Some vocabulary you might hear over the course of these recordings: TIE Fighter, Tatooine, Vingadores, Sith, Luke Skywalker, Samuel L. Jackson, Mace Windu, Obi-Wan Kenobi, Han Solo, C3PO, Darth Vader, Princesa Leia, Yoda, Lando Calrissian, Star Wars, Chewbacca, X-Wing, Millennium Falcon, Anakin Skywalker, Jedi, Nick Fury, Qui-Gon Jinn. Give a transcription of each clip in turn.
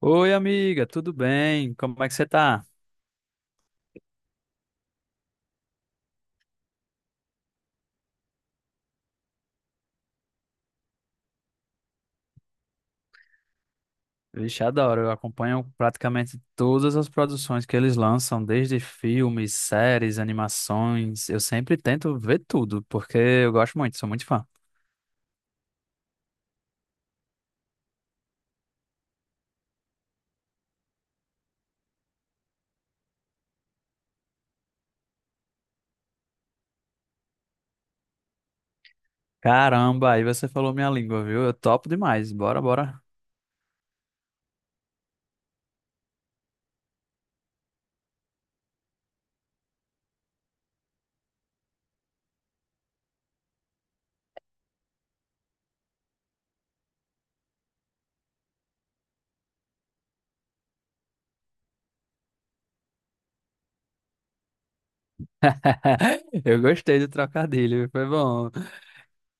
Oi, amiga, tudo bem? Como é que você tá? Vixe, adoro. Eu acompanho praticamente todas as produções que eles lançam, desde filmes, séries, animações. Eu sempre tento ver tudo, porque eu gosto muito, sou muito fã. Caramba, aí você falou minha língua, viu? Eu topo demais. Bora, bora. Eu gostei do trocadilho, foi bom.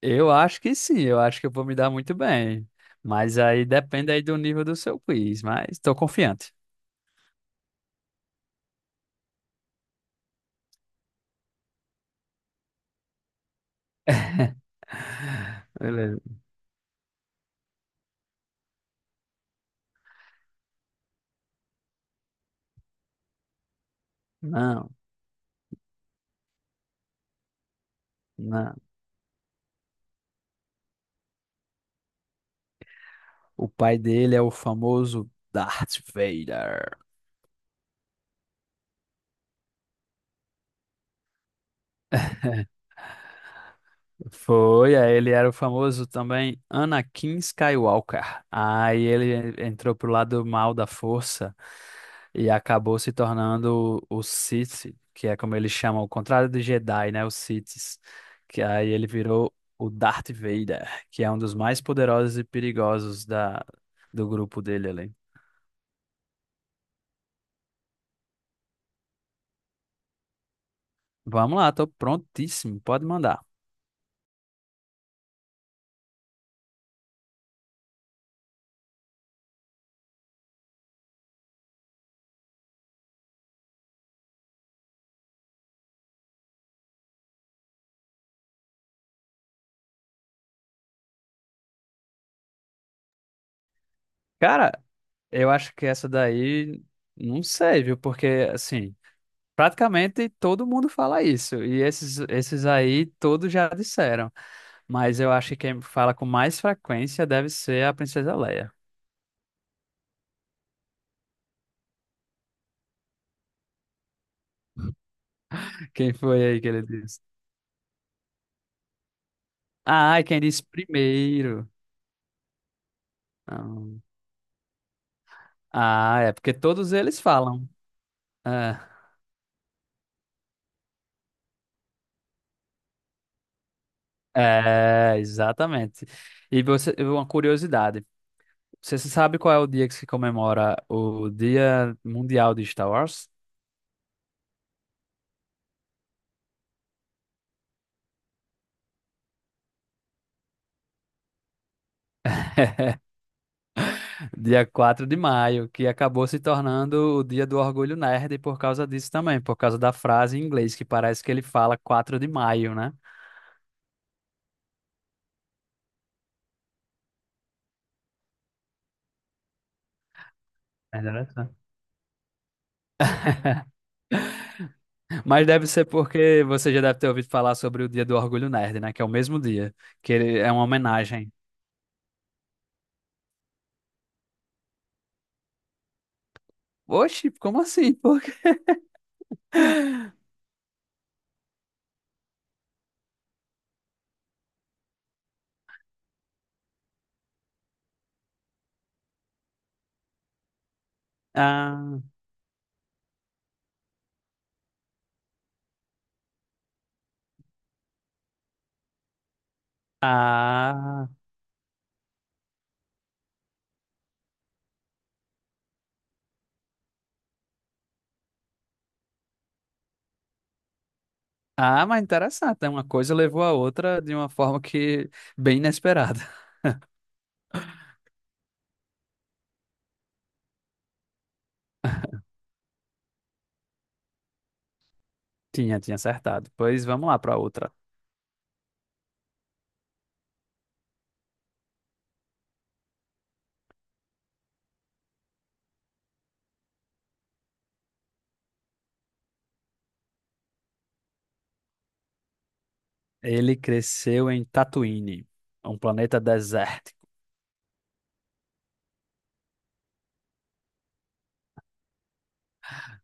Eu acho que sim, eu acho que eu vou me dar muito bem. Mas aí depende aí do nível do seu quiz, mas estou confiante. Beleza. Não, não. O pai dele é o famoso Darth Vader. Foi, aí ele era o famoso também Anakin Skywalker. Aí ele entrou pro lado mal da força e acabou se tornando o Sith, que é como eles chamam, o contrário de Jedi, né? Os Siths. Que aí ele virou o Darth Vader, que é um dos mais poderosos e perigosos do grupo dele ali. Vamos lá, tô prontíssimo, pode mandar. Cara. Eu acho que essa daí, não sei, viu? Porque, assim, praticamente todo mundo fala isso. E esses aí, todos já disseram. Mas eu acho que quem fala com mais frequência deve ser a Princesa Leia. Quem foi aí que ele disse? Ah, e quem disse primeiro? Ah, é porque todos eles falam. É, é, exatamente. E você, uma curiosidade. Você sabe qual é o dia que se comemora o Dia Mundial de Star Wars? Dia 4 de maio, que acabou se tornando o dia do orgulho nerd por causa disso também, por causa da frase em inglês, que parece que ele fala 4 de maio, né? Interessante. Mas deve ser porque você já deve ter ouvido falar sobre o dia do orgulho nerd, né? Que é o mesmo dia, que ele é uma homenagem. Oxi, como assim? Por quê? Ah, ah, mas interessante, né? Uma coisa levou a outra de uma forma que bem inesperada. Tinha acertado. Pois vamos lá para outra. Ele cresceu em Tatooine, um planeta desértico.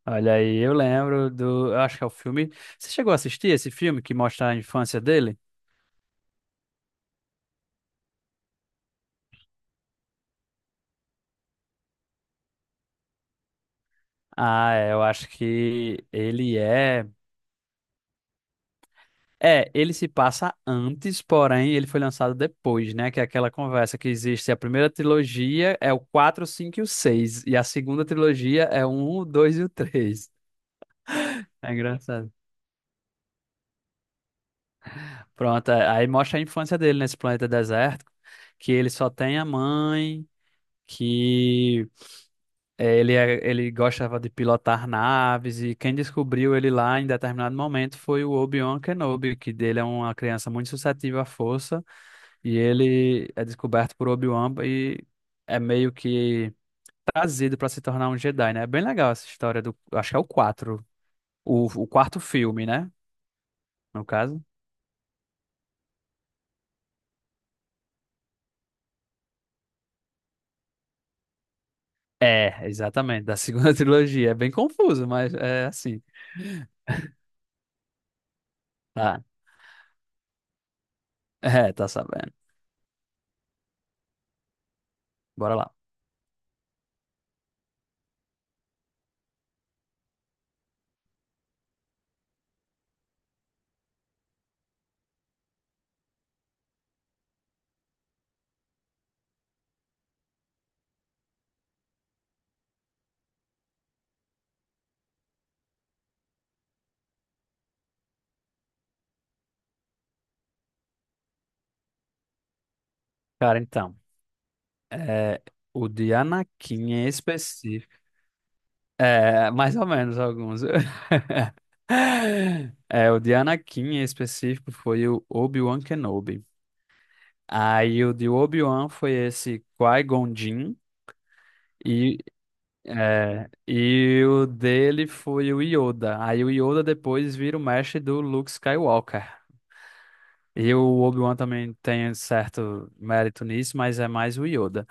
Olha aí, eu lembro do. Eu acho que é o filme. Você chegou a assistir esse filme que mostra a infância dele? Ah, é, eu acho que ele é. É, ele se passa antes, porém ele foi lançado depois, né? Que é aquela conversa que existe. A primeira trilogia é o 4, 5 e o 6. E a segunda trilogia é o 1, o 2 e o 3. É engraçado. Pronto, é, aí mostra a infância dele nesse planeta desértico que ele só tem a mãe que ele gostava de pilotar naves e quem descobriu ele lá em determinado momento foi o Obi-Wan Kenobi, que dele é uma criança muito suscetível à força e ele é descoberto por Obi-Wan e é meio que trazido para se tornar um Jedi, né? É bem legal essa história do, acho que é o quarto filme, né? No caso. É, exatamente, da segunda trilogia. É bem confuso, mas é assim. Tá. É, tá sabendo. Bora lá. Cara, então. É, o de Anakin em específico. É, mais ou menos alguns. É, o de Anakin em específico foi o Obi-Wan Kenobi. Aí o de Obi-Wan foi esse Qui-Gon Jinn. E, e o dele foi o Yoda. Aí o Yoda depois vira o mestre do Luke Skywalker. E o Obi-Wan também tem certo mérito nisso, mas é mais o Yoda.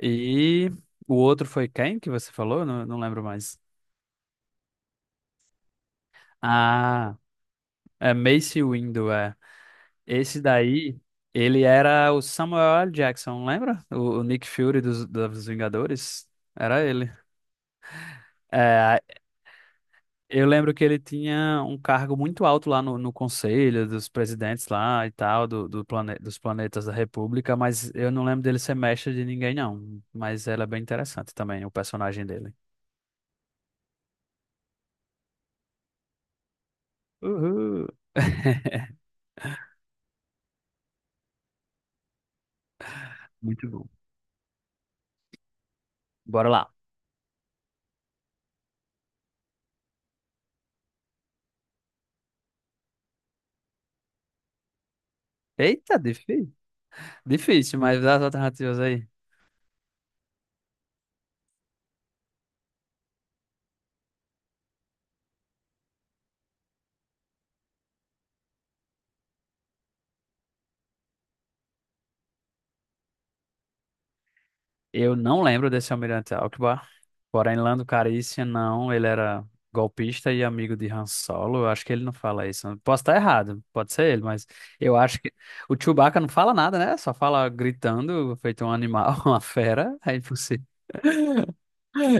E o outro foi quem que você falou? Não, não lembro mais. Ah, é Mace Windu, é. Esse daí, ele era o Samuel L. Jackson, lembra? O Nick Fury dos Vingadores? Era ele. É, eu lembro que ele tinha um cargo muito alto lá no conselho dos presidentes lá e tal, dos planetas da República, mas eu não lembro dele ser mestre de ninguém, não. Mas ela é bem interessante também, o personagem dele. Uhul! Muito bom. Bora lá. Eita, difícil. Difícil, mas dá as alternativas aí. Eu não lembro desse almirante Alckbar, porém Lando Calrissian não, ele era golpista e amigo de Han Solo, eu acho que ele não fala isso. Posso estar errado, pode ser ele, mas eu acho que o Chewbacca não fala nada, né? Só fala gritando, feito um animal, uma fera, é impossível.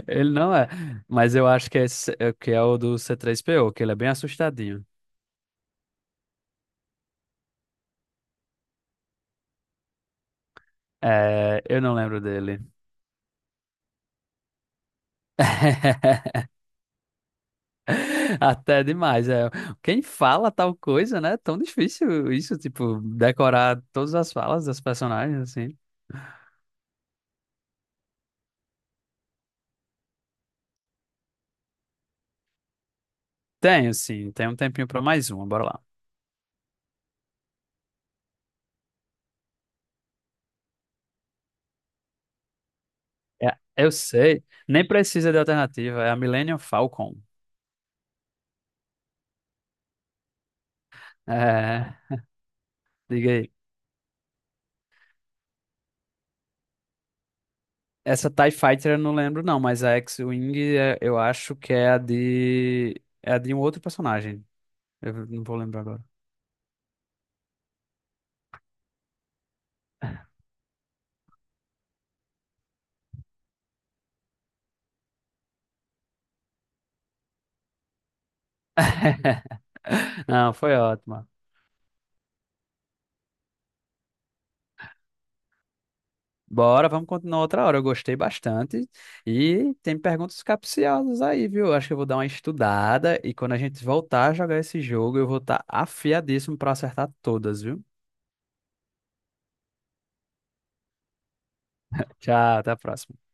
Ele não é, mas eu acho que é o do C3PO, que ele é bem assustadinho. É, eu não lembro dele. Até demais, é. Quem fala tal coisa, né? É tão difícil isso, tipo, decorar todas as falas das personagens, assim. Tenho, sim, tem um tempinho pra mais uma, bora lá. É, eu sei, nem precisa de alternativa, é a Millennium Falcon. É, diga aí. Essa TIE Fighter eu não lembro, não, mas a X-Wing eu acho que é a de. É a de um outro personagem. Eu não vou lembrar agora. Não, foi ótimo. Bora, vamos continuar outra hora. Eu gostei bastante. E tem perguntas capciosas aí, viu? Acho que eu vou dar uma estudada e quando a gente voltar a jogar esse jogo, eu vou estar afiadíssimo para acertar todas, viu? Tchau, até a próxima.